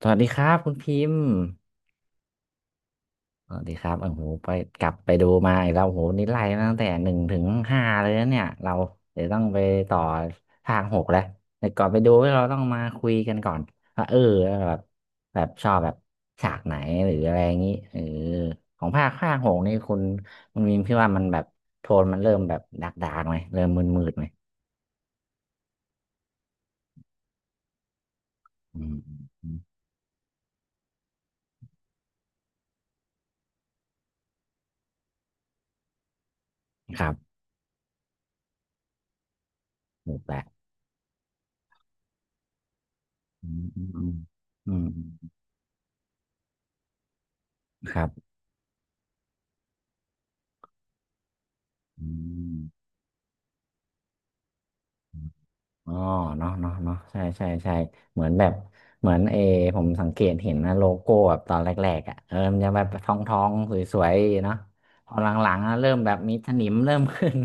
สวัสดีครับคุณพิมพ์สวัสดีครับโอ้โหไปกลับไปดูมาอีกแล้วโอ้โหนี่ไล่มาตั้งแต่หนึ่งถึงห้าเลยนะเนี่ยเราเดี๋ยวต้องไปต่อภาคหกแล้วแต่ก่อนไปดูเราต้องมาคุยกันก่อนว่าแบบชอบแบบฉากไหนหรืออะไรอย่างนี้ของภาคหกนี่คุณพิมพ์พี่ว่ามันแบบโทนมันเริ่มแบบดาร์กดากไหมเริ่มมืดไหมอืมอืมครับหมดแล้วอืมครับอืม อ๋อเนาะใช่เหมือนแบบเหมือนผมสังเกตเห็นนะโลโก้แบบตอนแรกๆอ่ะมันจะแบบทองสวยๆเนาะพอหลังๆนะเริ่มแบบมีสนิมเริ่มขึ้น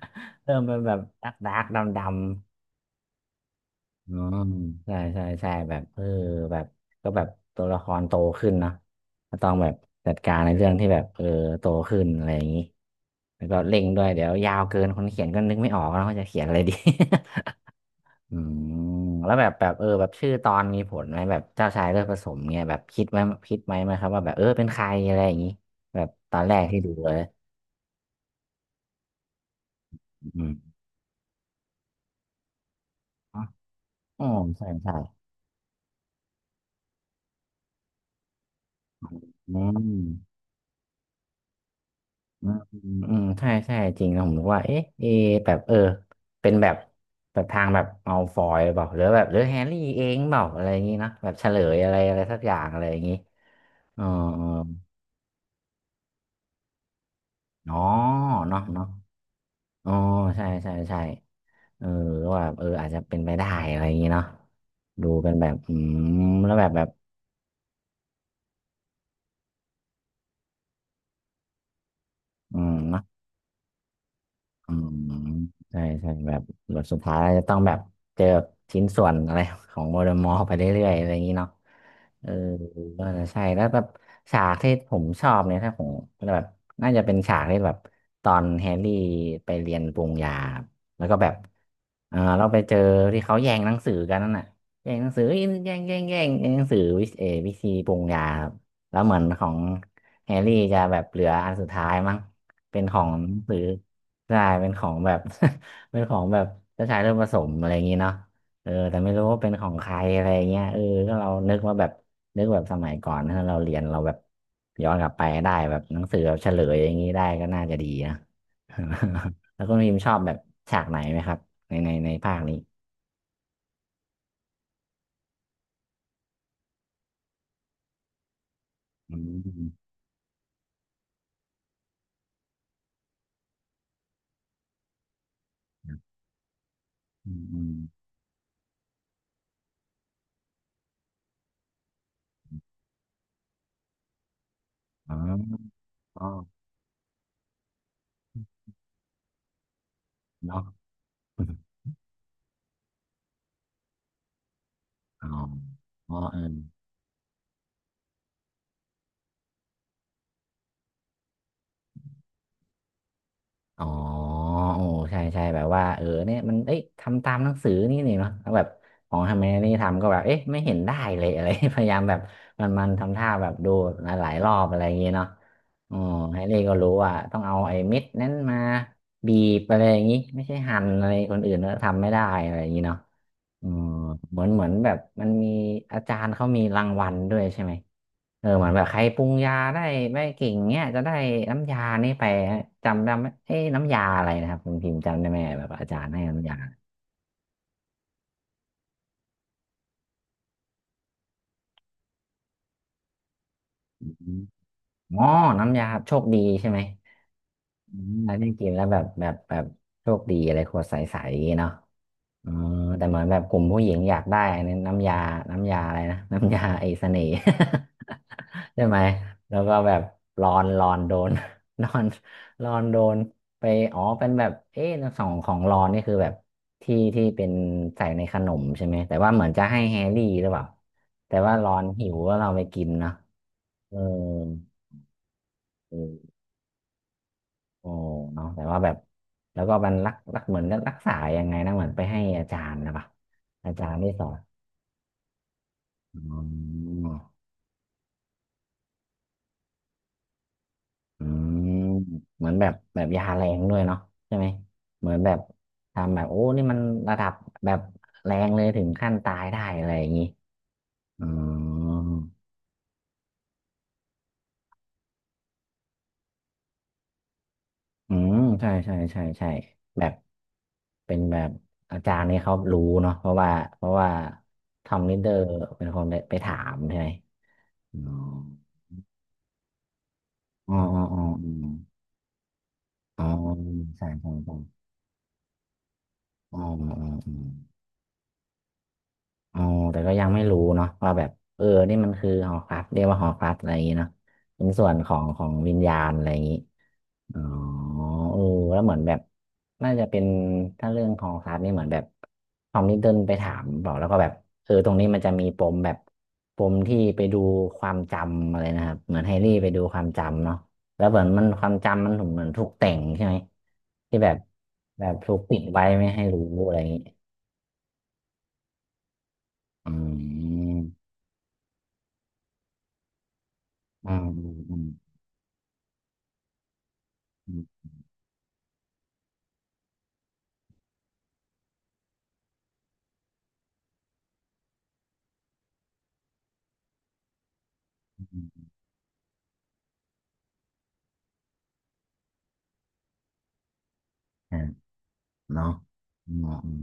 เริ่มเป็นแบบดักดำอ๋อใช่แบบแบบก็แบบตัวละครโตขึ้นเนาะก็ต้องแบบจัดการในเรื่องที่แบบโตขึ้นอะไรอย่างนี้แล้วก็เร่งด้วยเดี๋ยวยาวเกินคนเขียนก็นึกไม่ออกแล้วว่าจะเขียนอะไรดี อืมแล้วแบบชื่อตอนมีผลไหมแบบเจ้าชายเลือดผสมเนี่ยแบบคิดไหมคิดไหมครับว่าแบบเป็นใครอะไรอย่างนี้แบบตอนแรกที่ดูเลยอืมอ๋ออ๋อใช่ใช่อืมอืมใช่จริงนะผมนึกว่าเอ๊ะเอะแบบเป็นแบบทางแบบเอาฟอยหรือเปล่าหรือแบบหรือแฮร์รี่เองเปล่าอะไรอย่างนี้นะแบบเฉลยอะไรอะไรสักอย่างอะไรอย่างนี้อ๋ออ๋ออ๋อเนาะอ๋อใช่เออว่าแบบอาจจะเป็นไปได้อะไรอย่างงี้เนาะดูเป็นแบบอืมแล้วแบบอืม อืมใช่แบบบทสุดท้ายจะต้องแบบเจอชิ้นส่วนอะไรของโมเดลมอร์ไปเรื่อยๆอะไรอย่างนี้เนาะเออก็จะใช่แล้วแบบฉากที่ผมชอบเนี่ยถ้าผมแบบน่าจะเป็นฉากที่แบบตอนแฮร์รี่ไปเรียนปรุงยาครับแล้วก็แบบเราไปเจอที่เขาแย่งหนังสือกันนั่นน่ะแย่งหนังสือแย่งหนังสือวิวิธีปรุงยาครับแล้วเหมือนของแฮร์รี่จะแบบเหลืออันสุดท้ายมั้ง เป็นของหรือใช่เป็นของแบบ เป็นของแบบเจ้าชายเลือดผสมอะไรอย่างงี้เนาะแต่ไม่รู้ว่าเป็นของใครอะไรเงี้ยก็เรานึกว่าแบบนึกแบบสมัยก่อนถ้าเราเรียนเราแบบย้อนกลับไปได้แบบหนังสือแบบเฉลยอย่างนี้ได้ก็น่าจะดีนะ แล้วคุณพิมพ์ชอบแบบฉากไหนไหมครับในภาคนี้อืมอืมอืมอ๋ออ๋อเนาะ อ๋อเออ อ๋อโอ้ใช่แบบว่าเนี่ยมันเอ้ยทำตามหนังสือนี่เนาะแล้วแบบของทำไมนี่ทำก็แบบเอ๊ะไม่เห็นได้เลยอะไร พยายามแบบมันทำท่าแบบดูหลายๆรอบอะไรอย่างเงี้ยเนาะอ๋อแฮร์รี่ก็รู้ว่าต้องเอาไอ้เม็ดนั้นมาบีบอะไรอย่างงี้ไม่ใช่หั่นอะไรคนอื่นแล้วทำไม่ได้อะไรอย่างงี้เนาะอืมเหมือนแบบมันมีอาจารย์เขามีรางวัลด้วยใช่ไหม เหมือนแบบใครปรุงยาได้ไม่เก่งเนี้ยจะได้น้ำยานี่ไปจำได้ไหมเอ้ยน้ำยาอะไรนะครับคุณพิมพ์จำได้ไหมแบบอาจารย์ให้น้ำยาอมอ๋อน้ำยาโชคดีใช่ไหมอืมอันนี้กินแล้วแบบโชคดีอะไรขวดใสๆเนาะ อ๋อแต่เหมือนแบบกลุ่มผู้หญิงอยากได้อันนี้น้ำยาอะไรนะน้ำยาไอ้เสน่ห์ ใช่ไหมแล้วก็แบบรอนโดน นอนรอนโดนไปอ๋อเป็นแบบเอ๊ะสองของรอนนี่คือแบบที่เป็นใส่ในขนมใช่ไหมแต่ว่าเหมือนจะให้แฮร์รี่หรือเปล่า แต่ว่ารอนหิวก็เราไปกินเนอะเออเออโอ้เนาะแต่ว่าแบบแล้วก็มันรักเหมือนรักษายังไงนะเหมือนไปให้อาจารย์นะปะอาจารย์ที่สอน อ๋ออืมเหมือนแบบยาแรงด้วยเนาะใช่ไหมเหมือนแบบทำแบบโอ้นี่มันระดับแบบแรงเลยถึงขั้นตายได้อะไรอย่างงี้อ๋ออืมใช่แบบเป็นแบบอาจารย์นี่เขารู้เนาะเพราะว่าเพราะว่าทอมลิดเดอร์เป็นคนไปถามใช่ไหมอ๋ออ๋ออ๋อใช่อ๋ออ๋อ อ๋อแต่ก็ยังไม่รู้เนาะว่าแบบนี่มันคือหอพักเรียกว่าหอพักอะไรอย่างงี้เนาะเป็นส่วนของวิญญาณอะไรอย่างงี้อ๋อเออแล้วเหมือนแบบน่าจะเป็นถ้าเรื่องขอพักนี่เหมือนแบบทอมลิดเดิลไปถามบอกแล้วก็แบบเออตรงนี้มันจะมีปมแบบปมที่ไปดูความจำอะไรนะครับเหมือนแฮร์รี่ไปดูความจำเนาะแล้วเหมือนมันความจำมันเหมือนถูกแต่งใช่ไหมที่แบบแบบถูกปิดไว้ไม่ให้รู้อะไรอย่างงี้อืมอืมอืม อืมอ่าเนาะอืม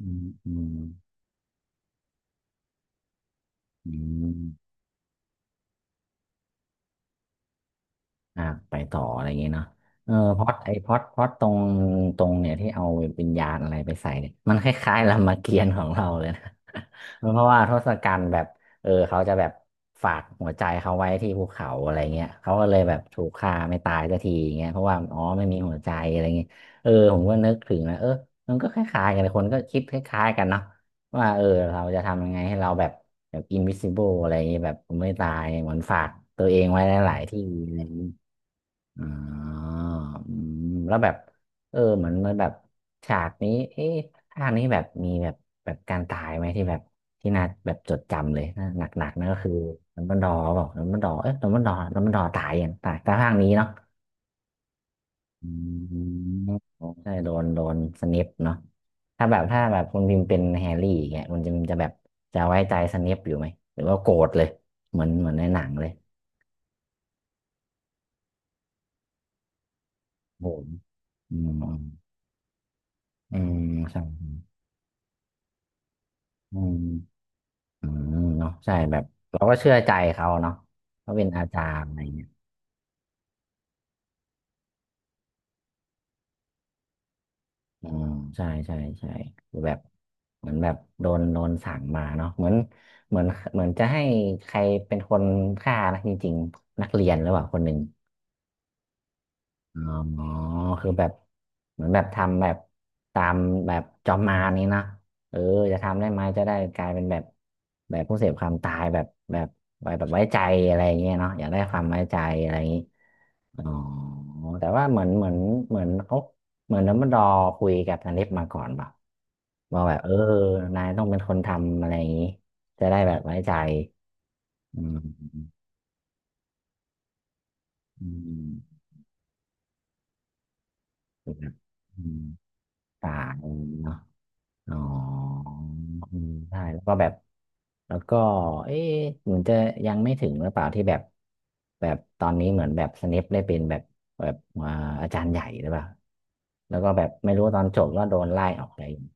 อืมอืมอืมอืม อ่าไปต่ออะไรอย่างเงี้ยเนาะเออพล็อตไอพล็อตพล็อตตรงเนี่ยที่เอาวิญญาณอะไรไปใส่เนี่ยมันคล้ายๆ รามเกียรติ์ของเราเลยนะ เพราะว่าทศกัณฐ์แบบเออเขาจะแบบฝากหัวใจเขาไว้ที่ภูเขาอะไรเงี้ยเขาก็เลยแบบถูกฆ่าไม่ตายสักทีอย่างเงี้ยเพราะว่าอ๋อไม่มีหัวใจอะไรเงี้ยเออผมก็นึกถึงนะเออมันก็คล้ายๆกันเลยคนก็คิดคล้ายๆกันเนาะว่าเออเราจะทำยังไงให้เราแบบแบบ invisible อะไรอย่างเงี้ยแบบไม่ตายเหมือนฝากตัวเองไว้หลายๆที่อะไรอย่างงี้ อ่าอืมแล้วแบบเออเหมือนมันแบบฉากนี้เอ๊ะภาคนี้แบบมีแบบแบบการตายไหมที่แบบที่น่าแบบจดจำเลยนะหนักๆนั่นก็คือดัมเบิลดอร์บอกดัมเบิลดอร์เอ๊ะดัมเบิลดอร์ตายยังตายแต่ภาคนี้เนาะอืมใช่โดนสเนปเนาะถ้าแบบถ้าแบบคุณพิมพ์เป็นแฮร์รี่อย่างเงี้ยคุณจะแบบจะไว้ใจสเนปอยู่ไหมหรือว่าโกรธเลยเหมือนเหมือนในหนังเลยผมอืมอืมใช่อืม อืมเนาะใช่แบบเราก็เชื่อใจเขาเนาะเขาเป็นอาจารย์อะไรเงี้ยอืมใช่ใช่ใช่คือแบบเหมือนแบบโดนสั่งมาเนาะเหมือนเหมือนเหมือนจะให้ใครเป็นคนฆ่านะจริงๆนักเรียนหรือเปล่าคนหนึ่ง อ๋อคือแบบเหมือนแบบทำแบบตามแบบจอมมารนี้นะเออจะทำได้ไหมจะได้กลายเป็นแบบแบบผู้เสพความตายแบบแบบไว้แบบไว้ใจอะไรอย่างเงี้ยเนาะอยากได้ความไว้ใจอะไรอย่างงี้อ๋อแต่ว่าเหมือนเหมือนเหมือนเขาเหมือนดัมเบิลดอร์คุยกับนาริสมาก่อนเปล่าว่าแบบเออนายต้องเป็นคนทำอะไรอย่างงี้จะได้แบบไว้ใจอืมอืมอืมอืมตาย อ๋ออืมใช่แล้วก็แบบแล้วก็เอ๊ะเหมือนจะยังไม่ถึงหรือเปล่าที่แบบแบบตอนนี้เหมือนแบบสเนปได้เป็นแบบแบบอ่าอาจารย์ใหญ่หรือเปล่าแล้วก็แบบไม่รู้ตอนจบว่าโดนไล่ออกอะไปอย่างเงี้ย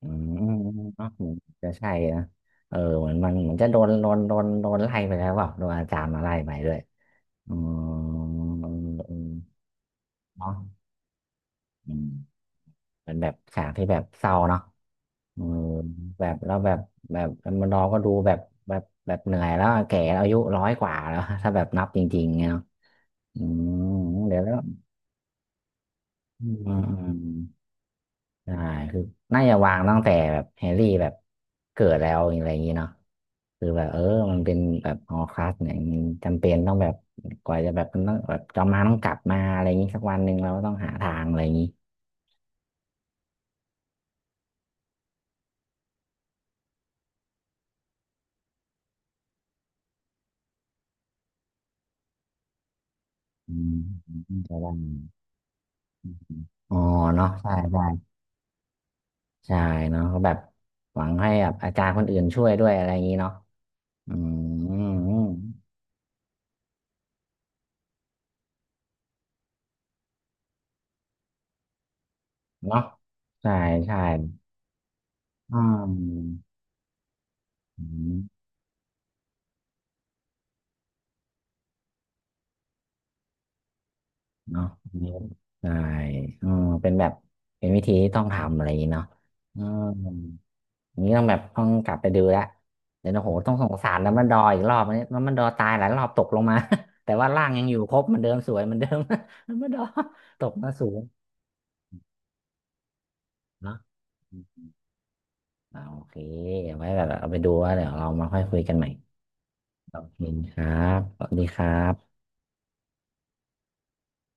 อืมอืมอืมเนาะเหมือนจะใช่นะเออเหมือนมันเหมือนจะโดนไล่ไปแล้วเปล่าโดนอาจารย์มาไล่ไปด้วยอืมอืมอืมเนาะ เป็นแบบฉากที่แบบเศร้าเนาะเออแบบแล้วแบบแบบมันเราก็ดูแบบแบบแบบเหนื่อยแล้วแก่แล้วอายุร้อยกว่าแล้ว ถ้าแบบนับจริงๆเนี่ยเนาะอืมเดี๋ยวแล้วอืมอืมใช่คือน่าจะวางตั้งแต่แบบแฮร์รี่แบบเกิดแล้วอะไรอย่างนี้เนาะคือแบบเออมันเป็นแบบฮอร์ครักซ์เนี่ยมันจำเป็นต้องแบบกว่าจะแบบมันต้องแบบจอมมารต้องกลับมาอะไรอย่างนี้สักวันหนึ่งเราก็ต้องหาทางอะไรอย่างนี้อืมจะได้อ๋อเนาะใช่ใช่ ใช่เนาะเขาแบบหวังให้แบบอาจารย์คนอื่นช่วยด้วยอะไรอย่างนี้เนาะอืมเนาะใช่ใช่อืมอืมเนาะอันนี้ใช่อืมเป็นแบบเป็นวิธีที่ต้องทำอะไรอย่างนี้เนาะอืมอย่างนี้ต้องแบบต้องกลับไปดูละเดี๋ยวนะโหต้องสงสารแล้วมันดออีกรอบอันนี้แล้วมันดอตายหลายรอบตกลงมา แต่ว่าร่างยังอยู่ครบเหมันเดิมสวยเหมันเดิม มันดอตกมาสูงเนาะ อ่าโอเคเอาไว้แบบเอาไปดูว่าเดี๋ยวเรามาค่อยคุยกันใหม่ขอบคณครับสวัสดีครับ